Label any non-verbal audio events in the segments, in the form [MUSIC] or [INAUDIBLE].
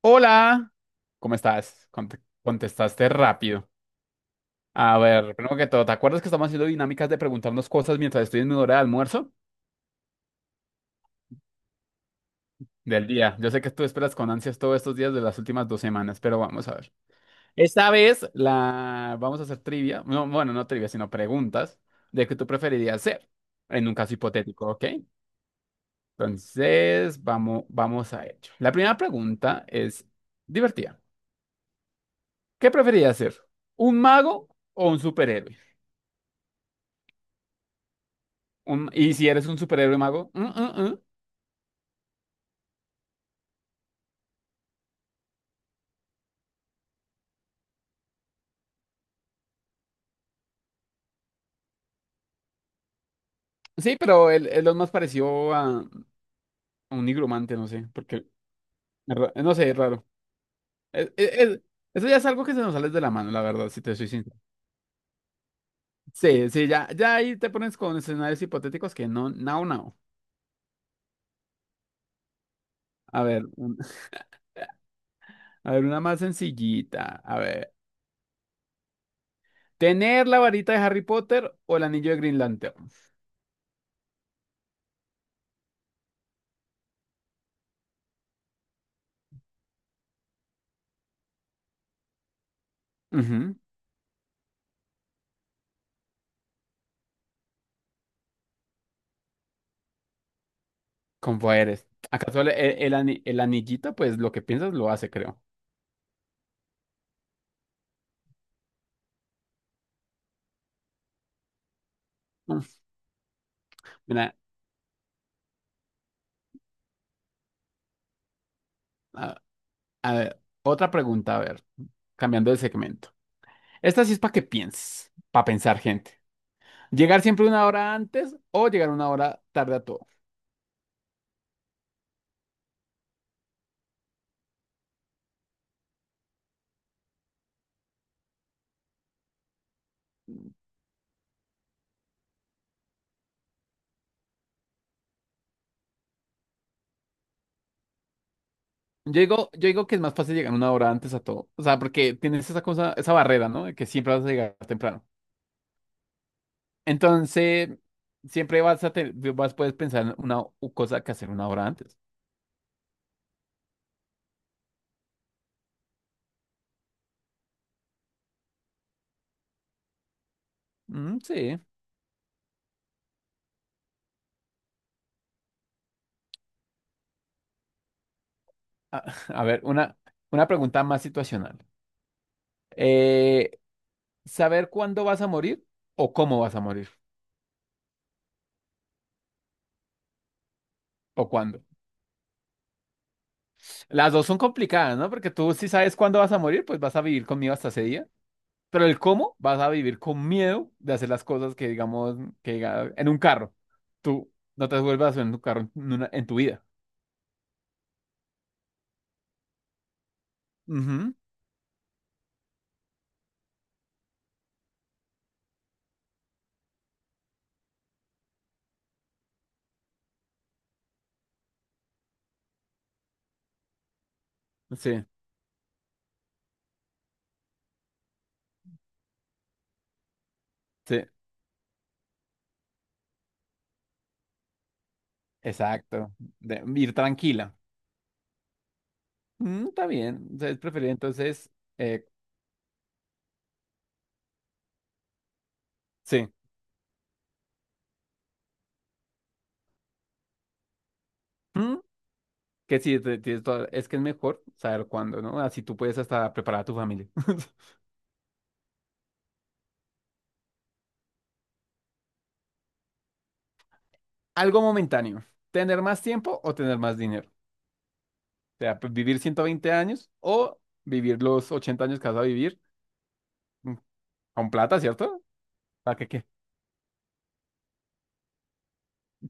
Hola, ¿cómo estás? Contestaste rápido. A ver, primero que todo, ¿te acuerdas que estamos haciendo dinámicas de preguntarnos cosas mientras estoy en mi hora de almuerzo del día? Yo sé que tú esperas con ansias todos estos días de las últimas dos semanas, pero vamos a ver. Esta vez la vamos a hacer trivia, no, bueno, no trivia, sino preguntas de qué tú preferirías hacer en un caso hipotético, ¿ok? Entonces, vamos a ello. La primera pregunta es divertida. ¿Qué preferirías ser? ¿Un mago o un superhéroe? Y si eres un superhéroe mago, mm, mm, mm. Sí, pero él es más parecido a un nigromante, no sé, porque, no sé, es raro. Es- es- es- Eso ya es algo que se nos sale de la mano, la verdad, si te soy sincero. Sí, sí, ya ahí te pones con escenarios hipotéticos que no, no, no. A ver, [LAUGHS] a ver, una más sencillita. A ver, ¿tener la varita de Harry Potter o el anillo de Green Lantern? Ujú. Con poderes. ¿Acaso el anillito, pues lo que piensas lo hace, creo. Mm. Mira, a ver, otra pregunta, a ver, cambiando de segmento. Esta sí es para que pienses, para pensar, gente. ¿Llegar siempre una hora antes o llegar una hora tarde a todo? Yo digo que es más fácil llegar una hora antes a todo. O sea, porque tienes esa cosa, esa barrera, ¿no? De que siempre vas a llegar temprano. Entonces, siempre vas a te- vas, puedes pensar cosa que hacer una hora antes. Mm, sí. A, [LAUGHS] a ver, una pregunta más situacional. Eh, ¿Saber cuándo vas a morir o cómo vas a morir? ¿O cuándo? Las dos son complicadas, ¿no? Porque tú si sabes cuándo vas a morir, pues vas a vivir con miedo hasta ese día. Pero el cómo, vas a vivir con miedo de hacer las cosas que, digamos, en un carro. Tú no te vuelvas a subir en un carro en tu vida. Ujú. Sí, sí, exacto. Ir tranquila. Mm, está bien. O sea, es preferible entonces, eh, sí. Mm, que sí, tienes es que es mejor saber cuándo, ¿no? Así tú puedes hasta preparar a tu familia. [LAUGHS] Algo momentáneo. ¿Tener más tiempo o tener más dinero? Sea, pues, vivir 120 años o vivir los 80 años que vas a vivir, mm, con plata, ¿cierto? ¿Para qué qué? [LAUGHS]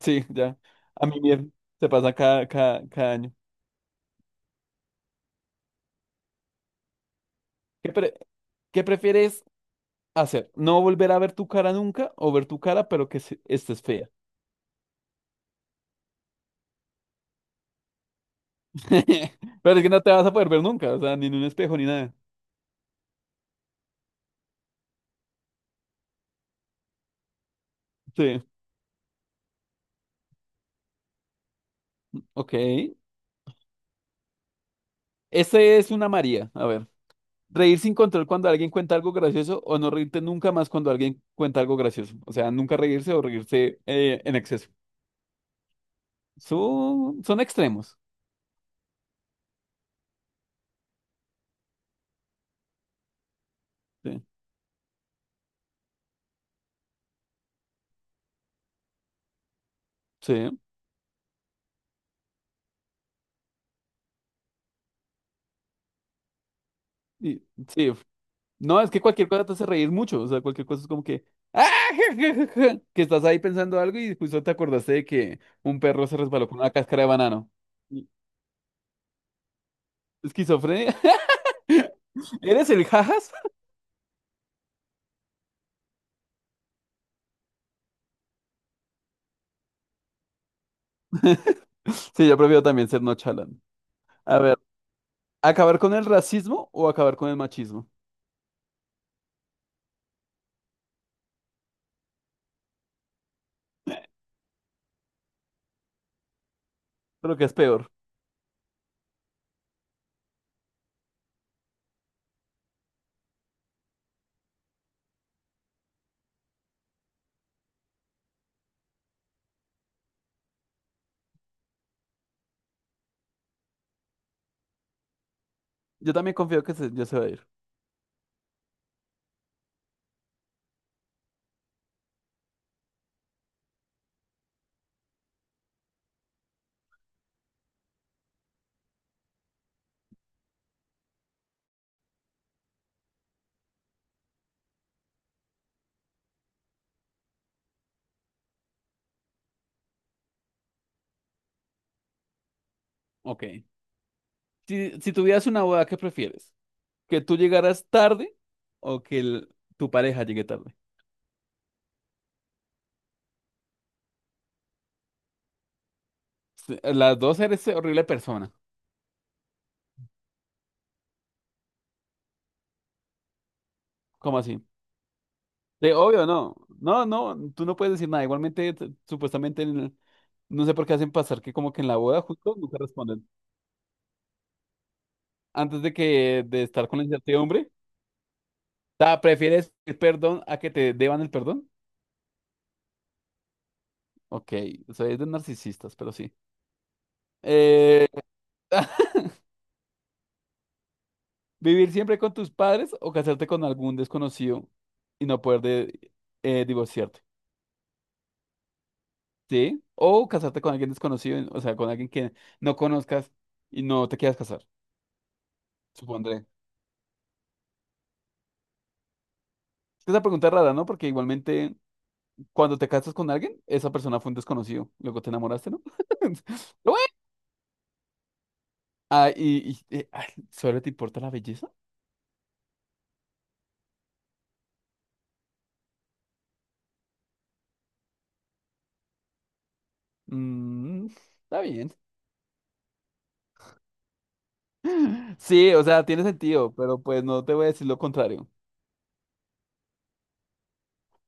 Sí, ya. A mí bien, se pasa cada año. ¿Qué, qué prefieres hacer? ¿No volver a ver tu cara nunca o ver tu cara pero estés fea? [LAUGHS] Pero es que no te vas a poder ver nunca, o sea, ni en un espejo ni nada. Sí, ok. Este es una María, a ver. Reír sin control cuando alguien cuenta algo gracioso o no reírte nunca más cuando alguien cuenta algo gracioso. O sea, nunca reírse o reírse, en exceso. Son extremos. Sí. Sí. Y- sí. No, es que cualquier cosa te hace reír mucho. O sea, cualquier cosa es como que. "Ah, [LAUGHS] que estás ahí pensando algo y justo te acordaste de que un perro se resbaló con una cáscara de banano. Y- Esquizofrenia. [LAUGHS] ¿Eres el jajas? [LAUGHS] Sí, yo prefiero también ser no chalán. A ver, ¿acabar con el racismo o acabar con el machismo? Creo que es peor. Yo también confío que se, yo se va a ir. Ok. Si, si tuvieras una boda, ¿qué prefieres? ¿Que tú llegaras tarde o que tu pareja llegue tarde? Sí, las dos eres horrible persona. ¿Cómo así? De obvio, no. No, no, tú no puedes decir nada. Igualmente, supuestamente, no sé por qué hacen pasar que como que en la boda justo nunca responden. Antes de que de estar con la incertidumbre, ta, ¿prefieres pedir perdón a que te deban el perdón? Ok, soy de narcisistas, pero sí. Eh, [LAUGHS] Vivir siempre con tus padres o casarte con algún desconocido y no divorciarte, ¿sí? O casarte con alguien desconocido, o sea, con alguien que no conozcas y no te quieras casar, supondré. Es que esa pregunta es rara, ¿no? Porque igualmente cuando te casas con alguien, esa persona fue un desconocido, luego te enamoraste, ¿no? [LAUGHS] Pero bueno, ah, ay, ¿solo te importa la belleza? Mm, está bien. [LAUGHS] Sí, o sea, tiene sentido, pero pues no te voy a decir lo contrario.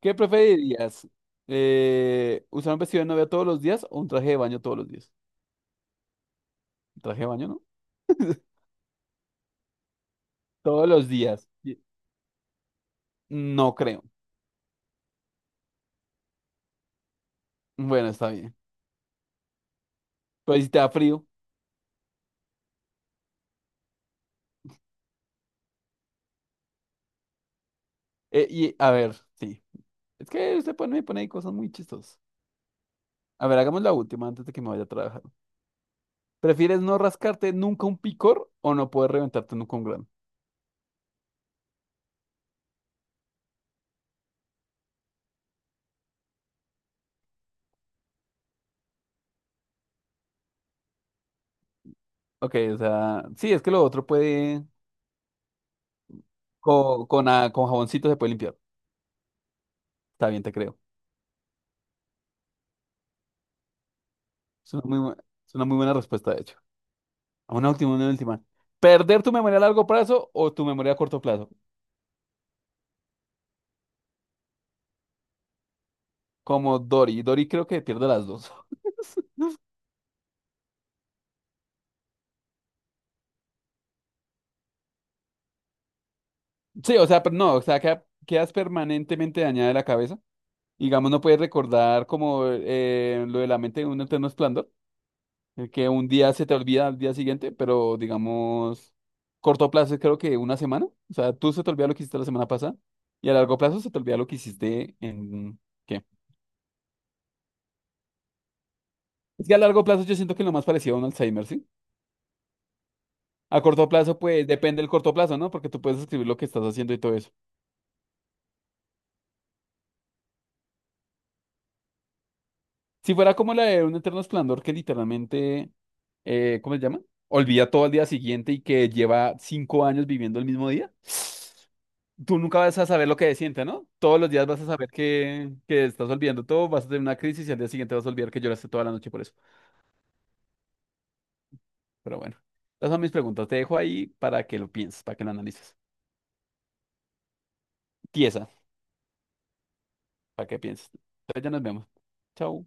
¿Qué preferirías? ¿Usar un vestido de novia todos los días o un traje de baño todos los días? ¿Un traje de baño, no? [LAUGHS] Todos los días. No creo. Bueno, está bien. Pero si te da frío. Y a ver, sí. Es que me pone ahí cosas muy chistosas. A ver, hagamos la última antes de que me vaya a trabajar. ¿Prefieres no rascarte nunca un picor o no poder reventarte nunca un grano? Ok, o sea, sí, es que lo otro puede. Con, con jaboncito se puede limpiar. Está bien, te creo. Es una es una muy buena respuesta, de hecho. A una última, una última. ¿Perder tu memoria a largo plazo o tu memoria a corto plazo? Como Dory. Dory creo que pierde las dos. [LAUGHS] Sí, o sea, pero no, o sea, quedas permanentemente dañada de la cabeza. Digamos, no puedes recordar como, lo de la mente de un eterno esplendor, que un día se te olvida al día siguiente, pero digamos, corto plazo es creo que una semana. O sea, tú se te olvida lo que hiciste la semana pasada y a largo plazo se te olvida lo que hiciste en... ¿Qué? Es que a largo plazo yo siento que es lo más parecido a un Alzheimer, ¿sí? A corto plazo, pues depende del corto plazo, ¿no? Porque tú puedes escribir lo que estás haciendo y todo eso. Si fuera como la de Un Eterno Esplendor que literalmente, ¿cómo se llama? Olvida todo al día siguiente y que lleva 5 años viviendo el mismo día. Tú nunca vas a saber lo que siente, ¿no? Todos los días vas a saber que estás olvidando todo, vas a tener una crisis y al día siguiente vas a olvidar que lloraste toda la noche por eso. Pero bueno, esas son mis preguntas. Te dejo ahí para que lo pienses, para que lo analices. Tiesa, para que pienses. Entonces ya nos vemos. Chao.